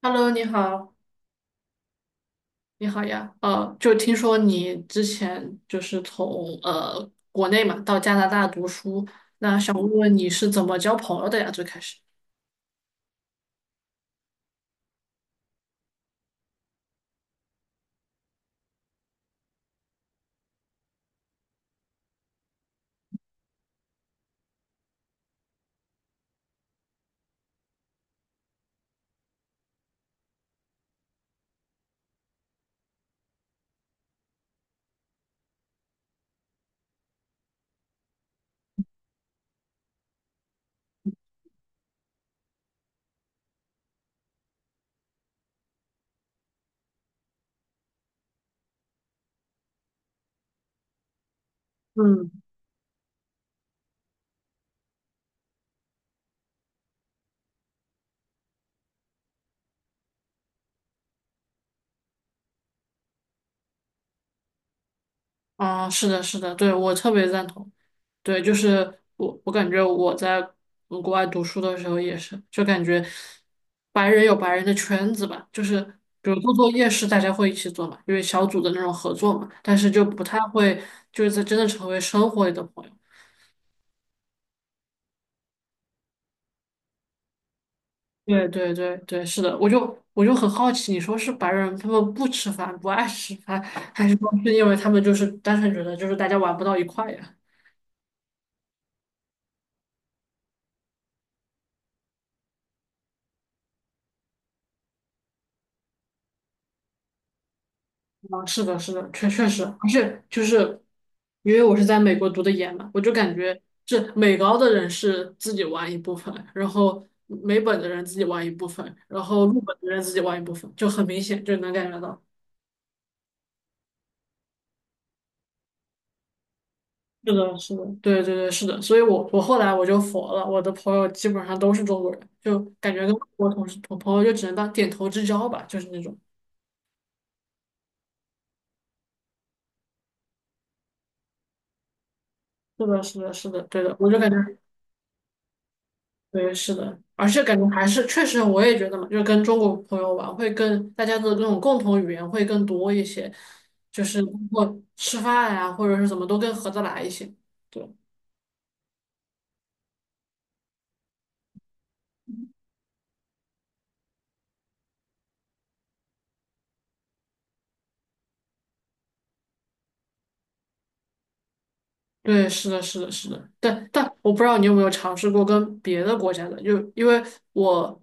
Hello，你好，你好呀。就听说你之前就是从国内嘛到加拿大读书，那想问问你是怎么交朋友的呀？最开始。嗯。啊，是的，是的，对，我特别赞同。对，就是我感觉我在国外读书的时候也是，就感觉白人有白人的圈子吧，就是比如做作业是大家会一起做嘛，因为小组的那种合作嘛，但是就不太会就是在真的成为生活里的朋友。对对对对，是的，我就很好奇，你说是白人他们不吃饭，不爱吃饭，还是说是因为他们就是单纯觉得就是大家玩不到一块呀？啊，是的，是的，确确实，而且就是因为我是在美国读的研嘛，我就感觉是美高的人是自己玩一部分，然后美本的人自己玩一部分，然后陆本的人自己玩一部分，就很明显就能感觉到。是的，是的，对对对，是的，所以我后来我就佛了，我的朋友基本上都是中国人，就感觉跟外国同事同朋友就只能当点头之交吧，就是那种。是的，是的，是的，对的，我就感觉对，是的，而且感觉还是确实，我也觉得嘛，就是跟中国朋友玩会更大家的那种共同语言会更多一些，就是包括吃饭呀、或者是怎么都更合得来一些。对。对，是的，是的，是的，但但我不知道你有没有尝试过跟别的国家的，就因为我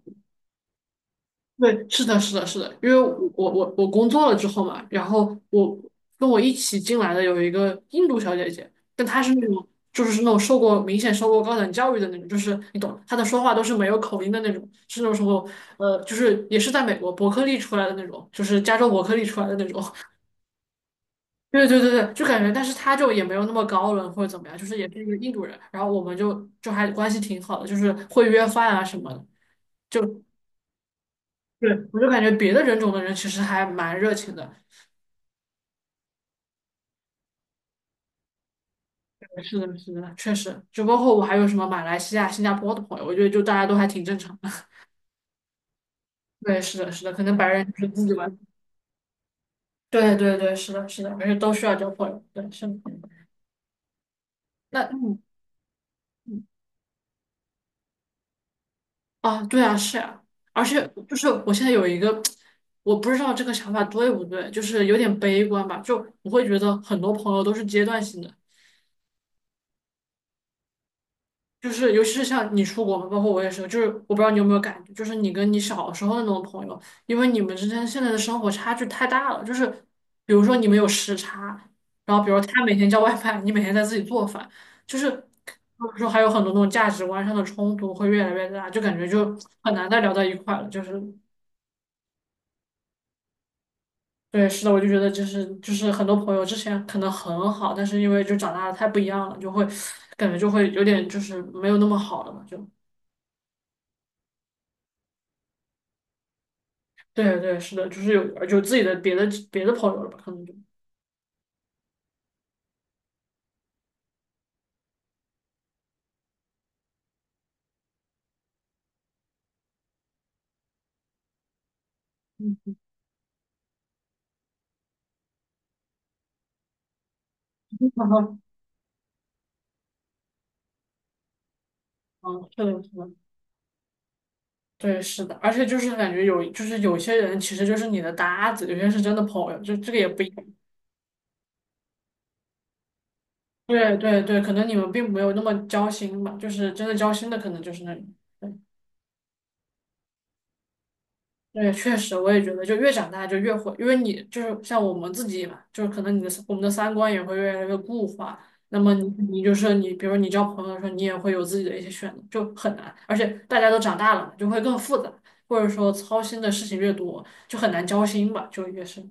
对，是的，是的，是的，因为我工作了之后嘛，然后我跟我一起进来的有一个印度小姐姐，但她是那种就是那种受过明显受过高等教育的那种，就是你懂，她的说话都是没有口音的那种，是那种什么就是也是在美国伯克利出来的那种，就是加州伯克利出来的那种。对对对对，就感觉，但是她就也没有那么高冷或者怎么样，就是也是一个印度人，然后我们就还关系挺好的，就是会约饭啊什么的。就。对，我就感觉别的人种的人其实还蛮热情的。是的，是的，确实。就包括我还有什么马来西亚、新加坡的朋友，我觉得就大家都还挺正常的。对，是的，是的，可能白人就是自己玩。对对对，是的，是的，而且都需要交朋友。对，是的。那嗯嗯啊，对啊，是啊，而且就是我现在有一个，我不知道这个想法对不对，就是有点悲观吧。就我会觉得很多朋友都是阶段性的。就是尤其是像你出国嘛，包括我也是，就是我不知道你有没有感觉，就是你跟你小时候的那种朋友，因为你们之间现在的生活差距太大了，就是比如说你们有时差，然后比如他每天叫外卖，你每天在自己做饭，就是或者说还有很多那种价值观上的冲突会越来越大，就感觉就很难再聊到一块了。就是对，是的，我就觉得就是很多朋友之前可能很好，但是因为就长大的太不一样了，就会感觉就会有点就是没有那么好了嘛，就。对对，是的，就是有有自己的别的朋友了吧，可能就。嗯。嗯，是的，是的，对，是的，而且就是感觉有，就是有些人其实就是你的搭子，有些是真的朋友，就这个也不一样。对对对，可能你们并没有那么交心吧，就是真的交心的可能就是那里。对，确实，我也觉得，就越长大就越会，因为你就是像我们自己嘛，就是可能你的我们的三观也会越来越固化。那么你就是你，比如你交朋友的时候，你也会有自己的一些选择，就很难。而且大家都长大了嘛，就会更复杂，或者说操心的事情越多，就很难交心吧，就越是。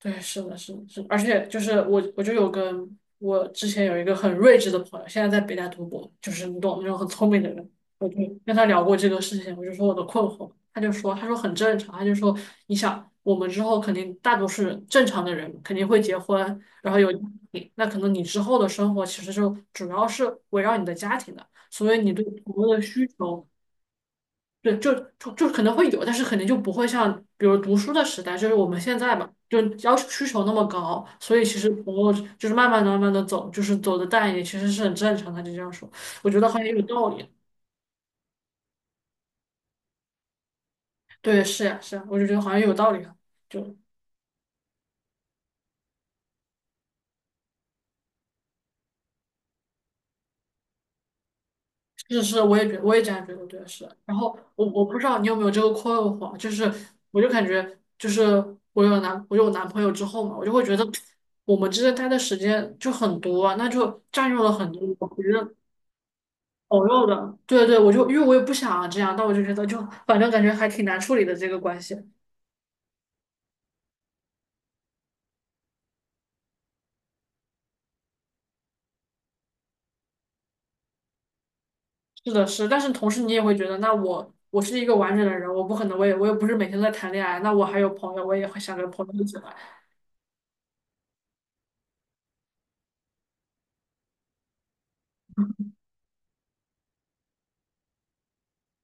对，是的，是的，是的，而且就是我就有个我之前有一个很睿智的朋友，现在在北大读博，就是你懂那种很聪明的人，我就跟他聊过这个事情，我就说我的困惑，他就说，他说很正常，他就说你想我们之后肯定大多数人正常的人肯定会结婚，然后有家庭，那可能你之后的生活其实就主要是围绕你的家庭的，所以你对朋友的需求。对，就可能会有，但是肯定就不会像比如读书的时代，就是我们现在吧，就要求需求那么高，所以其实朋友就是慢慢的、慢慢的走，就是走的淡一点，其实是很正常的。就这样说，我觉得好像也有道理。对，是呀、是呀、我就觉得好像有道理啊。就是是，我也这样觉得，对，是。然后我我不知道你有没有这个困惑，就是我就感觉就是我有男朋友之后嘛，我就会觉得我们之间待的时间就很多啊，那就占用了很多我觉得。朋友的，对对，我就因为我也不想这样，但我就觉得就反正感觉还挺难处理的这个关系。是的，是，但是同时你也会觉得，那我是一个完整的人，我不可能，我也不是每天都在谈恋爱，那我还有朋友，我也会想跟朋友一起玩。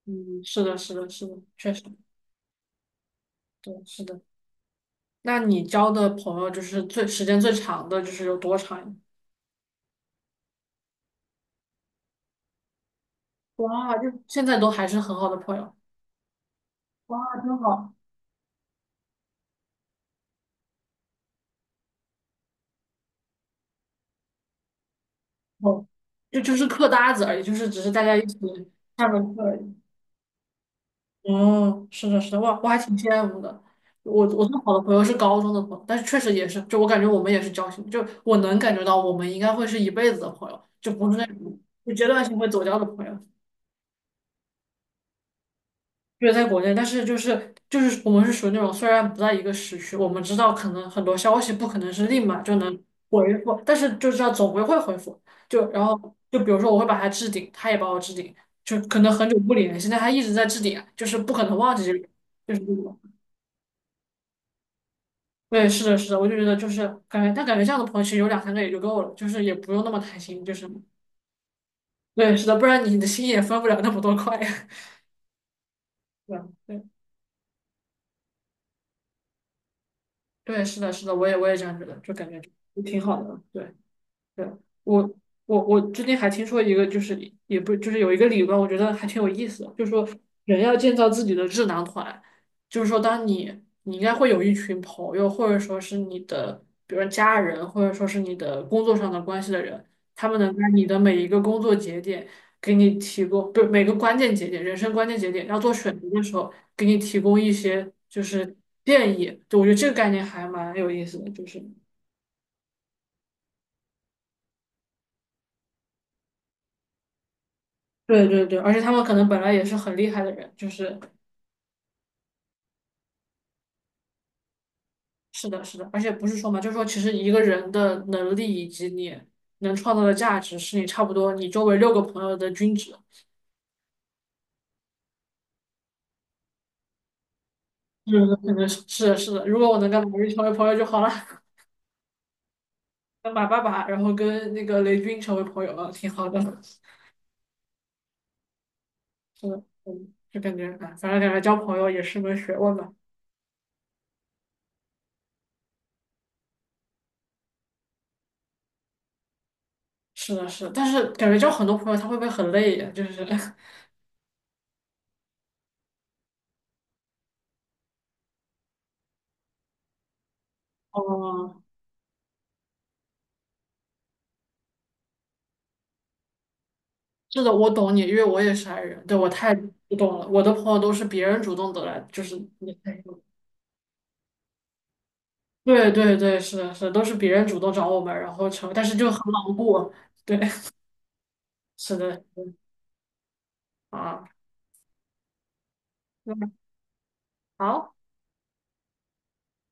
嗯，是的，是的，是的，确实，对，是的。那你交的朋友就是最时间最长的，就是有多长呀？哇，就现在都还是很好的朋友。哇，真好。哦，就就是课搭子而已，就是只是大家一起上个课。哦，是的，是的，我还挺羡慕的。我最好的朋友是高中的朋友，但是确实也是，就我感觉我们也是交心，就我能感觉到我们应该会是一辈子的朋友，就不是那种就阶段性会走掉的朋友。就是在国内，但是就是我们是属于那种虽然不在一个时区，我们知道可能很多消息不可能是立马就能回复，但是就知道总归会回复。就然后就比如说我会把他置顶，他也把我置顶，就可能很久不联系，但他一直在置顶啊就是不可能忘记这个人就是这种。对，是的，是的，我就觉得就是感觉，但感觉这样的朋友其实有两三个也就够了，就是也不用那么贪心，就是对，是的，不然你的心也分不了那么多块。对，对，对，是的，是的，我也这样觉得，就感觉就挺好的，对。对，我我最近还听说一个，就是也不就是有一个理论，我觉得还挺有意思的，就是说人要建造自己的智囊团，就是说当你你应该会有一群朋友，或者说是你的，比如说家人，或者说是你的工作上的关系的人，他们能在你的每一个工作节点给你提供，不是每个关键节点，人生关键节点要做选择的时候，给你提供一些就是建议，就我觉得这个概念还蛮有意思的，就是。对对对，而且他们可能本来也是很厉害的人，就是是的，是的，而且不是说嘛，就是说其实一个人的能力以及你能创造的价值，是你差不多你周围6个朋友的均值。是的可能是是的，是的。如果我能跟马云成为朋友就好了。跟马爸爸，然后跟那个雷军成为朋友了，挺好的。是的，嗯，就感觉哎，反正感觉交朋友也是门学问吧。是的，是的，但是感觉交很多朋友他会不会很累呀？就是。哦是的，我懂你，因为我也是 I人，对，我太不懂了。我的朋友都是别人主动得来，就是你，对对对，是的，是的，都是别人主动找我们，然后成，但是就很牢固，对。是的，是的啊，嗯，好。